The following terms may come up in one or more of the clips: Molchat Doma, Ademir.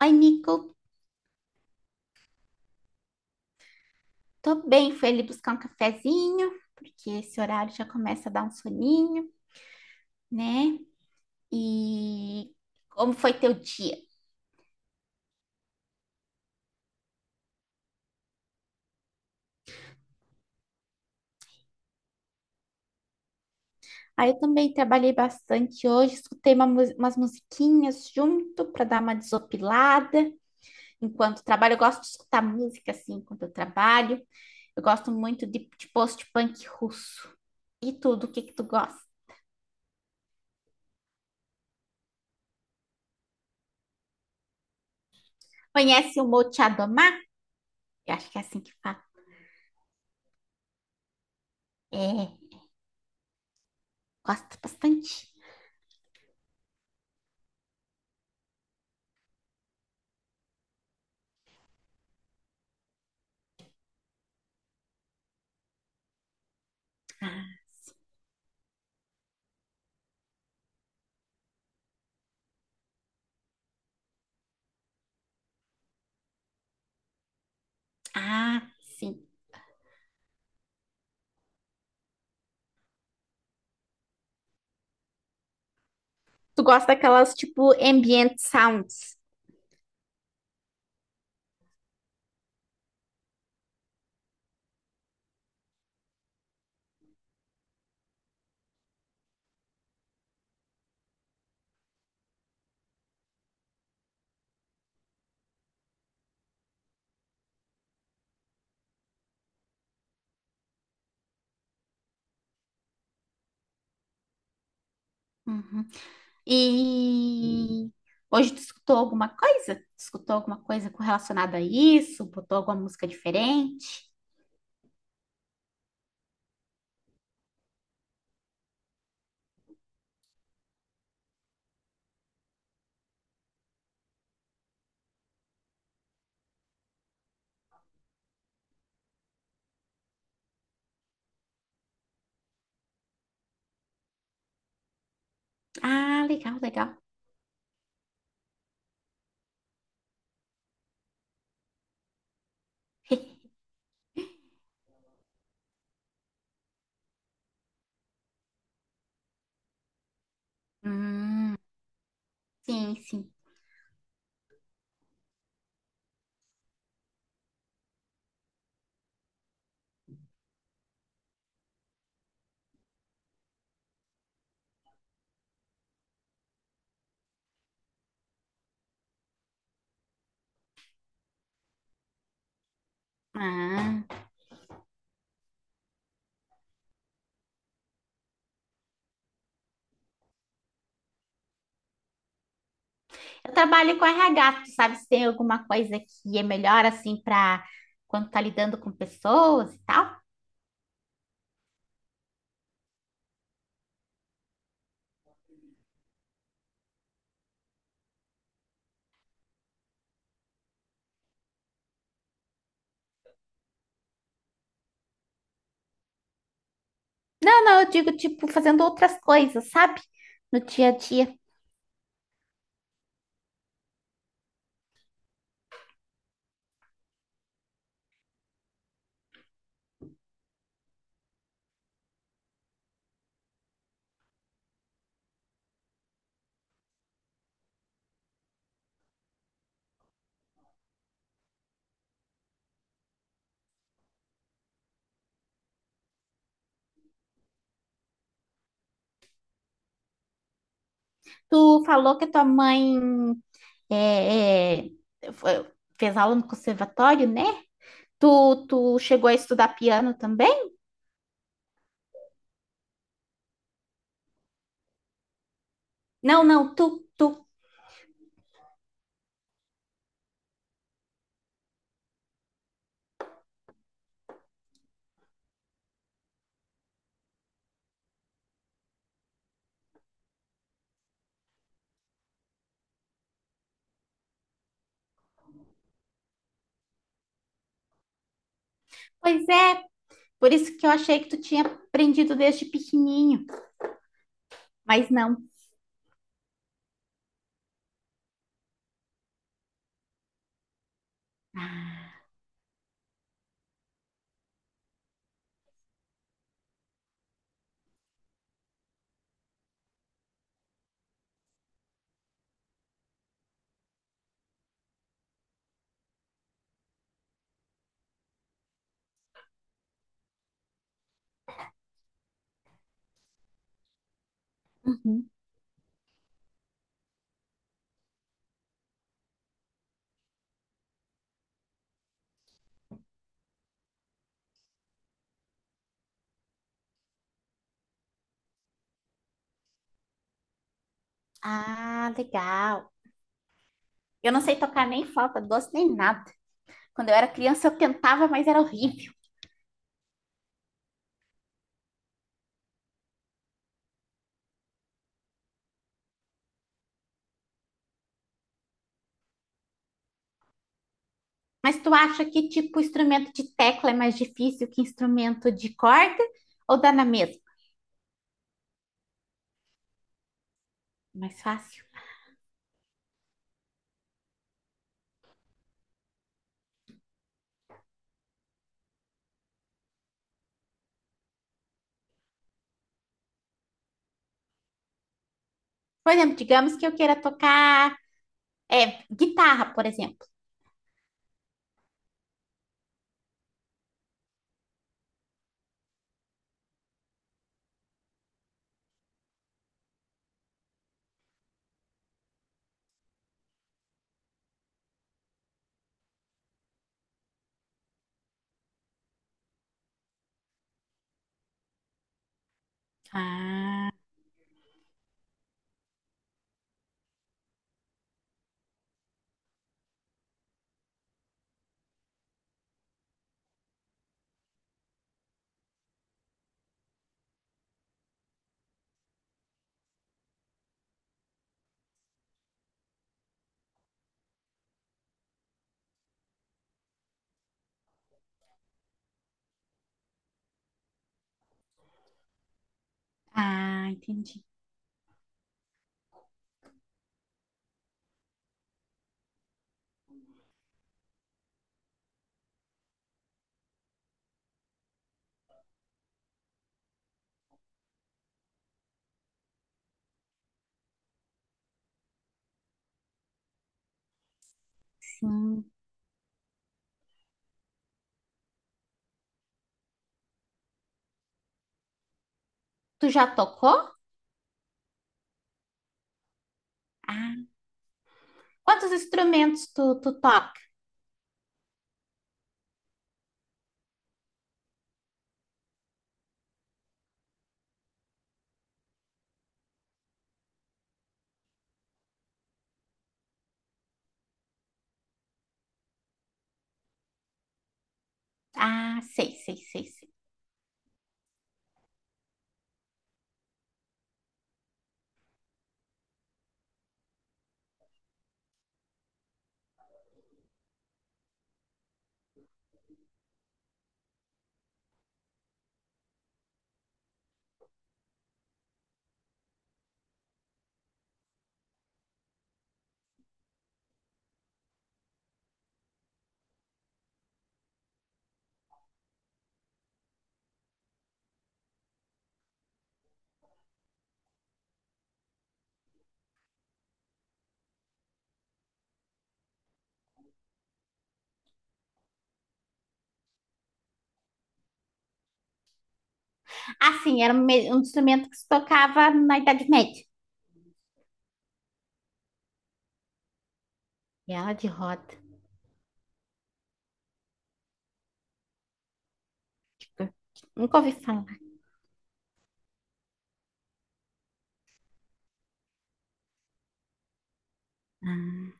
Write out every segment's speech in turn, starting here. Oi, Nico. Tô bem, fui ali buscar um cafezinho, porque esse horário já começa a dar um soninho, né? E como foi teu dia? Aí eu também trabalhei bastante hoje, escutei umas musiquinhas junto para dar uma desopilada enquanto trabalho. Eu gosto de escutar música assim enquanto eu trabalho. Eu gosto muito de post-punk russo e tudo. O que que tu gosta? Conhece o Molchat Doma? Eu acho que é assim que fala. É, gosto bastante. Ah, sim. Tu gosta daquelas tipo ambient sounds? Uhum. E hoje tu escutou alguma coisa? Tu escutou alguma coisa relacionada a isso? Botou alguma música diferente? Ah, legal, legal. Hum, sim, sim. Ah. Eu trabalho com RH, tu sabe se tem alguma coisa que é melhor assim para quando tá lidando com pessoas e tal? Não, não, eu digo tipo fazendo outras coisas, sabe? No dia a dia. Tu falou que a tua mãe é, é, foi- fez aula no conservatório, né? Tu chegou a estudar piano também? Não, não, tu, tu. Pois é, por isso que eu achei que tu tinha aprendido desde pequenininho, mas não. Uhum. Ah, legal. Eu não sei tocar nem flauta doce nem nada. Quando eu era criança eu tentava, mas era horrível. Mas tu acha que tipo instrumento de tecla é mais difícil que instrumento de corda ou dá na mesma? Mais fácil. Por exemplo, digamos que eu queira tocar é, guitarra, por exemplo. Ah, entendi. Sim. Tu já tocou? Ah. Quantos instrumentos tu toca? Ah, sei, sei, sei, sei. Ah, sim, era um instrumento que se tocava na Idade Média. E ela de roda. Nunca ouvi falar. Ah,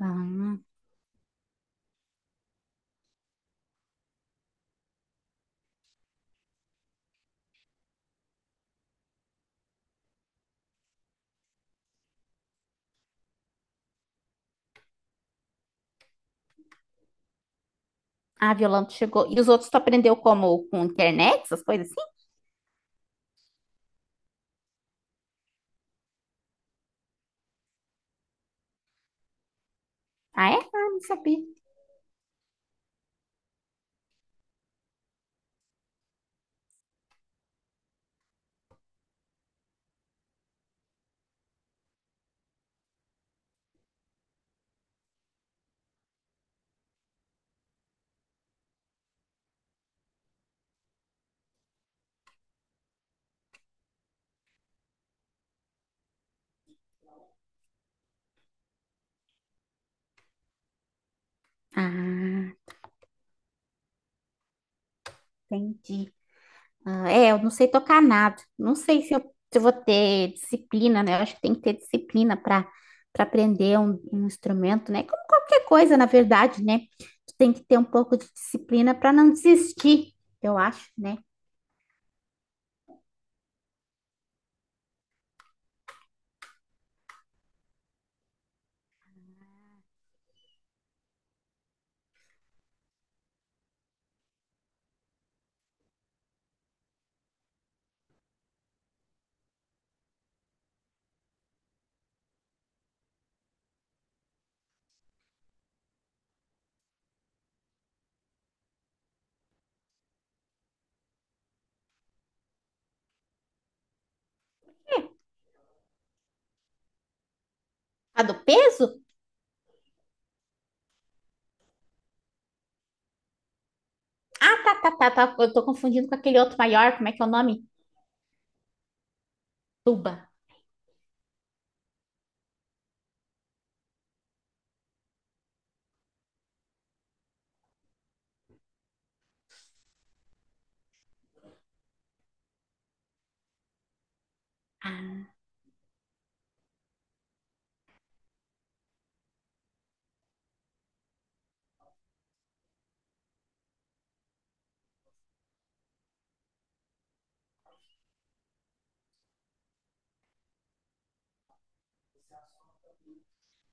ah. Ah, violão tu chegou. E os outros tu aprendeu como? Com internet, essas coisas assim? Ah, é? Ah, não sabia. Ah, entendi. Ah, é, eu não sei tocar nada. Não sei se se eu vou ter disciplina, né? Eu acho que tem que ter disciplina para aprender um instrumento, né? Como qualquer coisa, na verdade, né? Tu tem que ter um pouco de disciplina para não desistir, eu acho, né? A do peso? Ah, tá, tá, tá, tá. Eu tô confundindo com aquele outro maior. Como é que é o nome? Tuba. Ah,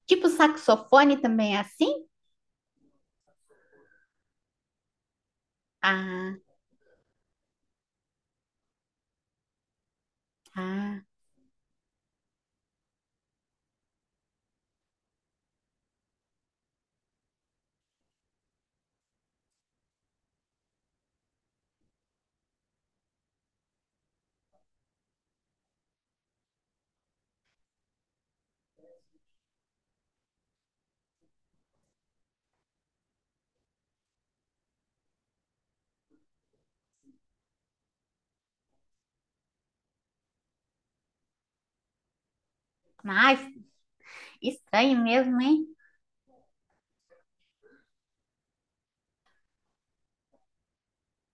tipo saxofone também é assim? Ah, ah. Mas estranho mesmo, hein?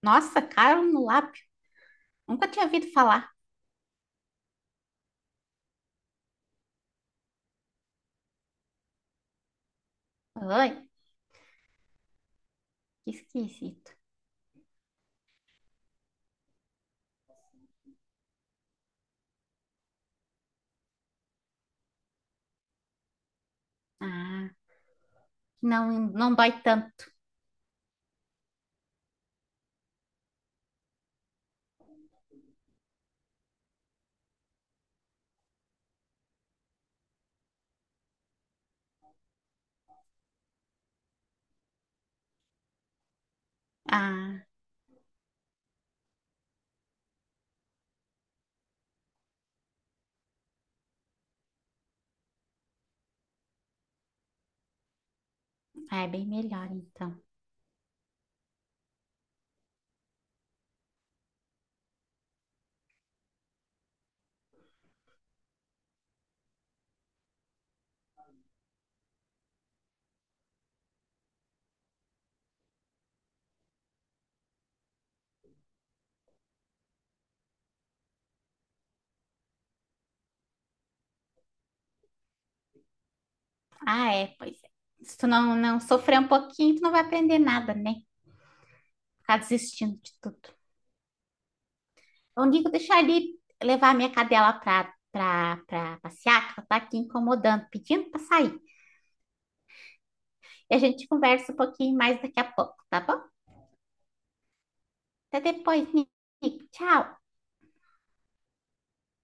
Nossa, caro no lápio. Nunca tinha ouvido falar. Ai, que esquisito. Ah, não, não dói tanto. Ah, é bem melhor então. Ah, é, pois é. Se tu não sofrer um pouquinho, tu não vai aprender nada, né? Ficar desistindo de tudo. Eu digo deixar ele levar a minha cadela pra passear, que ela tá aqui incomodando, pedindo pra sair. E a gente conversa um pouquinho mais daqui a pouco, tá bom? Até depois, Nick. Tchau.